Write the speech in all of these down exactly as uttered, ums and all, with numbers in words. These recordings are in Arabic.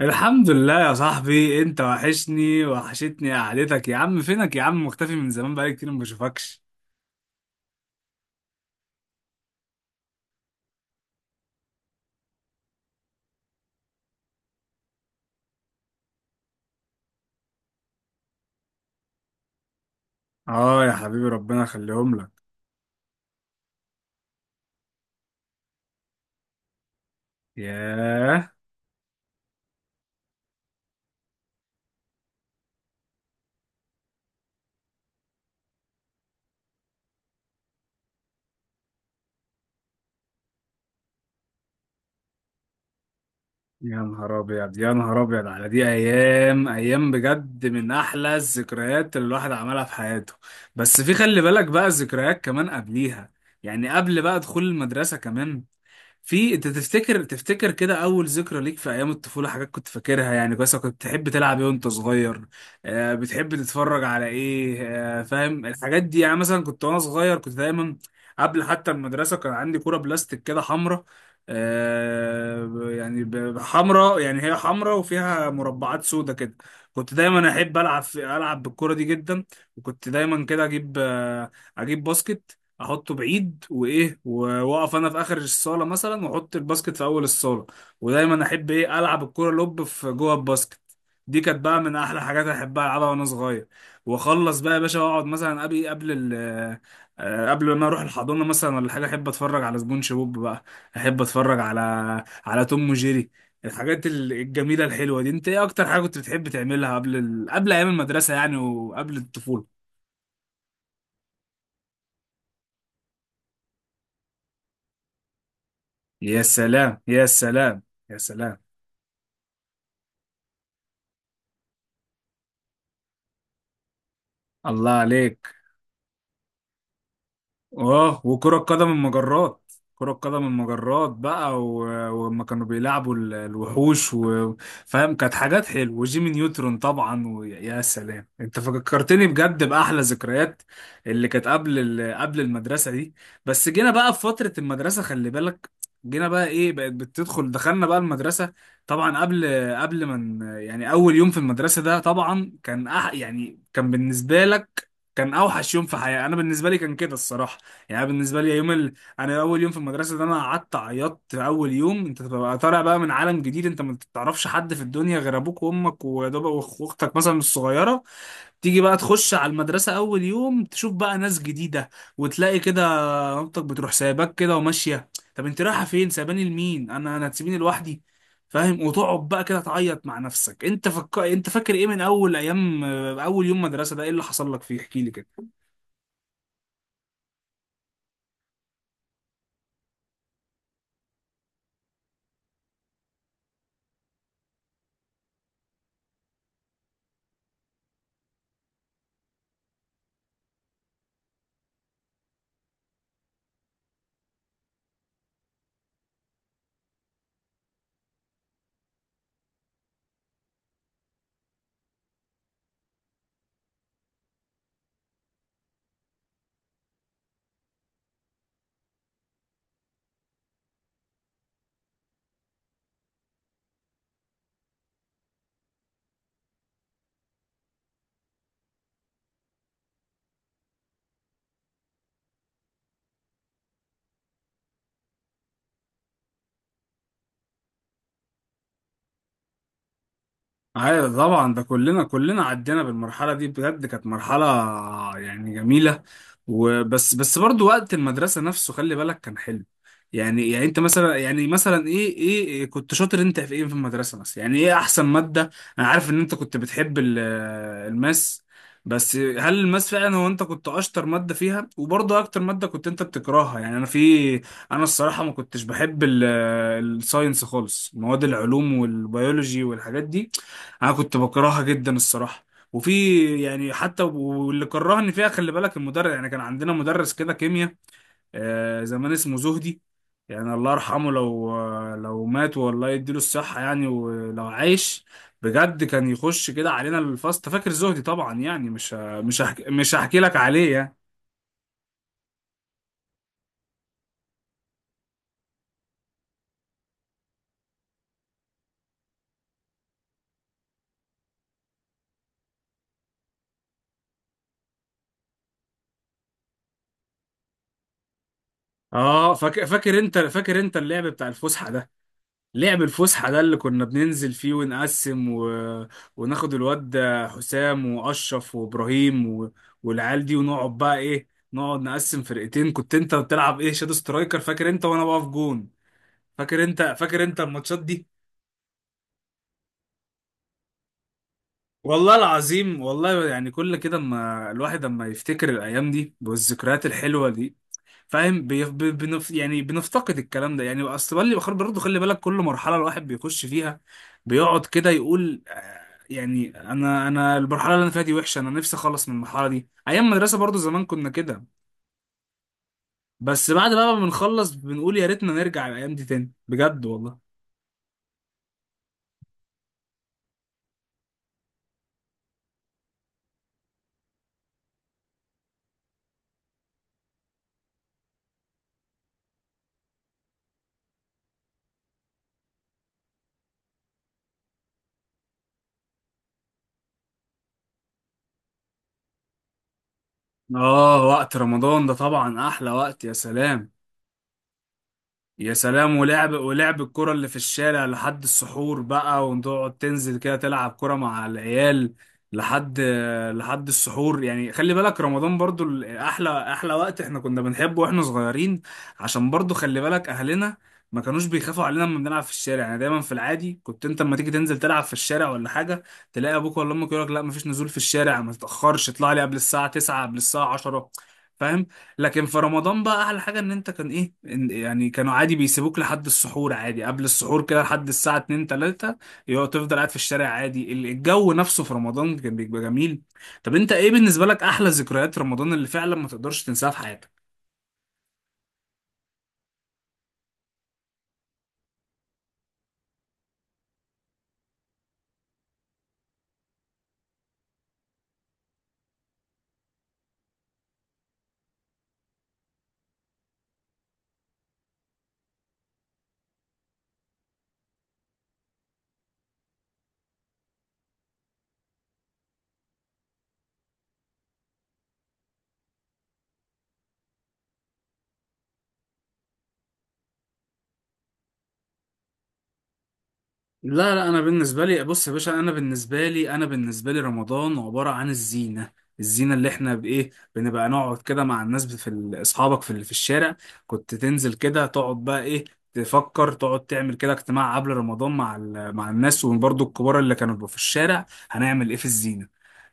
الحمد لله يا صاحبي، انت وحشني، وحشتني قعدتك يا عم. فينك يا عم؟ مختفي من زمان، بقالي كتير ما بشوفكش. اه يا حبيبي، ربنا يخليهم لك. ياه، يا نهار ابيض يا نهار ابيض على دي، ايام ايام بجد من احلى الذكريات اللي الواحد عملها في حياته. بس في، خلي بالك بقى الذكريات كمان قبليها، يعني قبل بقى دخول المدرسة كمان. في انت تفتكر تفتكر كده اول ذكرى ليك في ايام الطفوله، حاجات كنت فاكرها يعني كويس؟ كنت بتحب تلعب ايه وانت صغير؟ آه، بتحب تتفرج على ايه؟ آه فاهم. الحاجات دي يعني، مثلا كنت وانا صغير كنت دايما قبل حتى المدرسه كان عندي كوره بلاستيك كده حمراء. آه، ب- يعني ب- حمراء، يعني هي حمراء وفيها مربعات سودا كده. كنت دايما احب العب، في العب بالكوره دي جدا. وكنت دايما كده اجيب، آه، اجيب باسكت، احطه بعيد، وايه، واقف انا في اخر الصاله مثلا، واحط الباسكت في اول الصاله. ودايما احب ايه، العب الكوره لوب في جوه الباسكت. دي كانت بقى من احلى حاجات احبها العبها وانا صغير. واخلص بقى يا باشا، واقعد مثلا قبل قبل ال-، آه، قبل ما اروح الحضانه مثلا ولا حاجه، احب اتفرج على سبونج بوب بقى، احب اتفرج على، على توم وجيري. الحاجات ال- الجميله الحلوه دي، انت ايه اكتر حاجه كنت بتحب تعملها قبل ال...، قبل ايام المدرسه يعني، وقبل الطفوله؟ يا سلام، يا سلام، يا سلام. الله عليك. اه، وكرة قدم المجرات، كرة قدم المجرات بقى، و- ولما كانوا بيلعبوا ال- الوحوش و-، فاهم، كانت حاجات حلوة. وجيمي نيوترون طبعا. ويا، يا سلام، انت فكرتني بجد بأحلى ذكريات اللي كانت قبل ال-، قبل المدرسة دي. بس جينا بقى في فترة المدرسة، خلي بالك، جينا بقى ايه، بقت بتدخل، دخلنا بقى المدرسة. طبعا قبل قبل ما ن-، يعني اول يوم في المدرسة ده طبعا كان أح-، يعني كان بالنسبة لك كان اوحش يوم في حياتي. انا بالنسبه لي كان كده الصراحه. يعني أنا بالنسبه لي يوم ال...، انا اول يوم في المدرسه ده انا قعدت عيطت. اول يوم انت بتبقى طالع بقى من عالم جديد، انت ما بتعرفش حد في الدنيا غير ابوك وامك ويا دوب وأخ- واختك مثلا الصغيره. تيجي بقى تخش على المدرسه اول يوم، تشوف بقى ناس جديده، وتلاقي كده مامتك بتروح سايباك كده وماشيه. طب انت رايحه فين سايباني لمين؟ انا، انا هتسيبيني لوحدي؟ فاهم. وتقعد بقى كده تعيط مع نفسك. انت فك-، انت فاكر ايه من اول ايام، اول يوم مدرسه ده، ايه اللي حصل لك فيه؟ احكي لي كده. ايوه طبعا، ده كلنا كلنا عدينا بالمرحله دي، بجد كانت مرحله يعني جميله. وبس، بس برضو وقت المدرسه نفسه خلي بالك كان حلو. يعني، يعني انت مثلا، يعني مثلا ايه، ايه، إيه كنت شاطر انت في ايه في المدرسه مثلا؟ يعني ايه احسن ماده؟ انا عارف ان انت كنت بتحب ال- الماس. بس هل الماس فعلا هو انت كنت اشطر ماده فيها؟ وبرضه اكتر ماده كنت انت بتكرهها؟ يعني انا في، انا الصراحه ما كنتش بحب ال- الساينس خالص، مواد العلوم والبيولوجي والحاجات دي، انا كنت بكرهها جدا الصراحه. وفي يعني حتى، واللي كرهني فيها خلي بالك المدرس. يعني كان عندنا مدرس كده كيمياء، آه، زمان اسمه زهدي، يعني الله يرحمه لو، لو مات، والله يديله الصحه يعني ولو عايش. بجد كان يخش كده علينا الفصل، فاكر زهدي طبعا، يعني مش ه-، مش هحكي مش هحكي لك عليه يعني. اه، فاكر، فاكر انت فاكر انت اللعب بتاع الفسحه ده، لعب الفسحة ده اللي كنا بننزل فيه، ونقسم و...، وناخد الواد ده حسام وأشرف وإبراهيم و...، والعيال دي، ونقعد بقى إيه، نقعد نقسم فرقتين. كنت أنت بتلعب إيه؟ شادو سترايكر، فاكر أنت؟ وأنا بقف جون. فاكر أنت فاكر أنت الماتشات دي؟ والله العظيم والله، يعني كل كده اما الواحد اما يفتكر الأيام دي والذكريات الحلوة دي، فاهم، بي- ب- بنف-، يعني بنفتقد الكلام ده. يعني استراليا بخير برضه خلي بالك. كل مرحله الواحد بيخش فيها بيقعد كده يقول آه، يعني انا، انا المرحله اللي انا فيها دي وحشه، انا نفسي اخلص من المرحله دي. ايام مدرسه برضه زمان كنا كده، بس بعد بقى ما بنخلص بنقول يا ريتنا نرجع الايام دي تاني، بجد والله. اه، وقت رمضان ده طبعا احلى وقت. يا سلام، يا سلام، ولعب، ولعب الكرة اللي في الشارع لحد السحور بقى، وتقعد تنزل كده تلعب كرة مع العيال لحد، لحد السحور. يعني خلي بالك رمضان برضو ال- احلى احلى وقت احنا كنا بنحبه واحنا صغيرين، عشان برضو خلي بالك اهلنا ما كانوش بيخافوا علينا لما بنلعب في الشارع. يعني دايما في العادي كنت انت لما تيجي تنزل تلعب في الشارع ولا حاجة، تلاقي ابوك ولا امك يقول لك لا، مفيش نزول في الشارع، ما تتأخرش، اطلع لي قبل الساعة تسعة، قبل الساعة عشرة، فاهم. لكن في رمضان بقى احلى حاجه ان انت كان ايه، إن-، يعني كانوا عادي بيسيبوك لحد السحور عادي، قبل السحور كده لحد الساعه اتنين، تلاتة، يقعد تفضل قاعد في الشارع عادي. ال- الجو نفسه في رمضان كان بيبقى جميل. طب انت ايه بالنسبه لك احلى ذكريات رمضان اللي فعلا ما تقدرش تنساها في حياتك؟ لا، لا، انا بالنسبه لي، بص يا باشا، انا بالنسبه لي، انا بالنسبه لي رمضان عباره عن الزينه. الزينه اللي احنا بايه، بنبقى نقعد كده مع الناس في ال- اصحابك في ال- في الشارع. كنت تنزل كده تقعد بقى ايه، تفكر، تقعد تعمل كده اجتماع قبل رمضان مع ال- مع الناس، وبرضه الكبار اللي كانوا بيبقوا في الشارع. هنعمل ايه في الزينه؟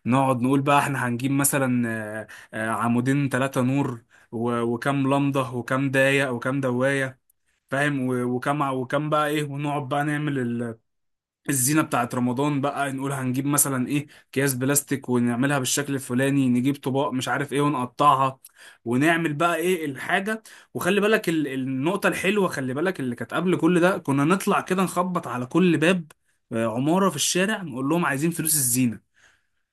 نقعد نقول بقى احنا هنجيب مثلا، آه، آه، عمودين، ثلاثه نور، و- وكام لمضه، وكام دايه، وكام دوايه، فاهم، و- وكم، وكم بقى ايه، ونقعد بقى نعمل الزينة بتاعت رمضان بقى، نقول هنجيب مثلا ايه، اكياس بلاستيك ونعملها بالشكل الفلاني، نجيب طباق مش عارف ايه ونقطعها، ونعمل بقى ايه الحاجة. وخلي بالك ال- النقطة الحلوة، خلي بالك اللي كانت قبل كل ده، كنا نطلع كده نخبط على كل باب، آه، عمارة في الشارع، نقول لهم عايزين فلوس الزينة.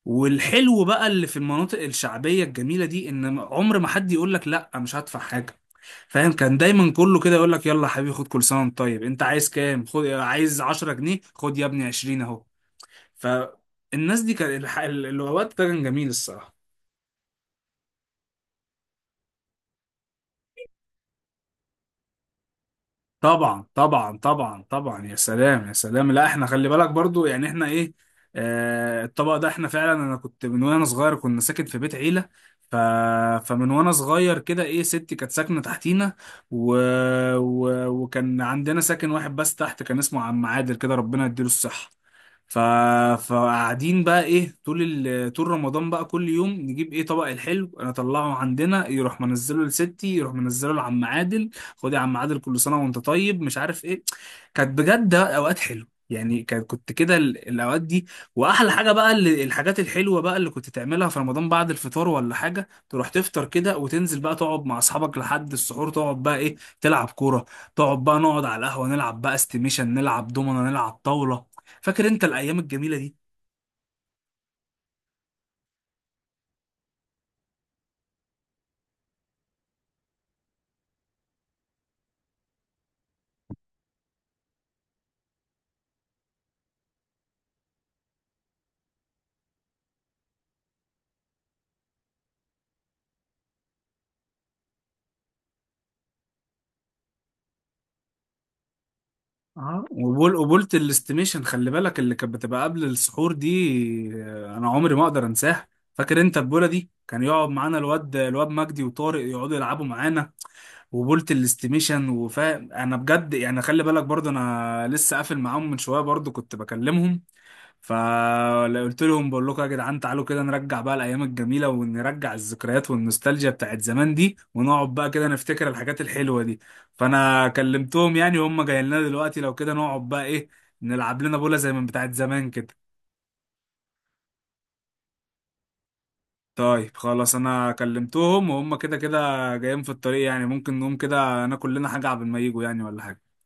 والحلو بقى اللي في المناطق الشعبية الجميلة دي، ان عمر ما حد يقول لك لا مش هدفع حاجة، فاهم. كان دايما كله كده يقول لك يلا يا حبيبي، خد، كل سنة وانت طيب، انت عايز كام؟ خد، عايز عشرة جنيه؟ خد يا ابني، عشرين اهو. فالناس دي كان الح- ال- الوقت ده كان جميل الصراحه. طبعا، طبعا، طبعا، طبعا، يا سلام، يا سلام. لا احنا خلي بالك برضو، يعني احنا ايه، آه الطبق ده احنا فعلا، انا كنت من وانا صغير كنا ساكن في بيت عيله، ف...، فمن وانا صغير كده ايه، ستي كانت ساكنه تحتينا و...، و...، وكان عندنا ساكن واحد بس تحت كان اسمه عم عادل كده، ربنا يديله الصحه. ف...، فقاعدين بقى ايه، طول ال...، طول رمضان بقى كل يوم نجيب ايه، طبق الحلو انا اطلعه عندنا، يروح منزله لستي، يروح منزله لعم عادل. خد يا عم عادل، كل سنه وانت طيب، مش عارف ايه. كانت بجد اوقات حلوه، يعني كانت، كنت كده ال- الاوقات دي. واحلى حاجه بقى اللي، الحاجات الحلوه بقى اللي كنت تعملها في رمضان بعد الفطار ولا حاجه، تروح تفطر كده وتنزل بقى تقعد مع اصحابك لحد السحور، تقعد بقى ايه، تلعب كوره، تقعد بقى، نقعد على القهوه نلعب بقى استيميشن، نلعب دومنا، نلعب طاوله. فاكر انت الايام الجميله دي؟ اه، وبول، قبولة الاستيميشن خلي بالك اللي كانت بتبقى قبل السحور دي، آه، انا عمري ما اقدر انساها. فاكر انت البوله دي؟ كان يقعد معانا الواد، الواد مجدي وطارق يقعدوا يلعبوا معانا، وبولة الاستيميشن وفا، انا بجد يعني خلي بالك برضه انا لسه قافل معاهم من شويه، برضه كنت بكلمهم، فقلت لهم، بقول لكم يا جدعان، تعالوا كده نرجع بقى الايام الجميله، ونرجع الذكريات والنوستالجيا بتاعت زمان دي، ونقعد بقى كده نفتكر الحاجات الحلوه دي. فانا كلمتهم يعني، وهم جايين لنا دلوقتي لو كده، نقعد بقى ايه، نلعب لنا بوله زي من بتاعت زمان كده. طيب خلاص، انا كلمتهم وهم كده كده جايين في الطريق، يعني ممكن نقوم كده ناكل لنا حاجه قبل ما يجوا، يعني ولا حاجه.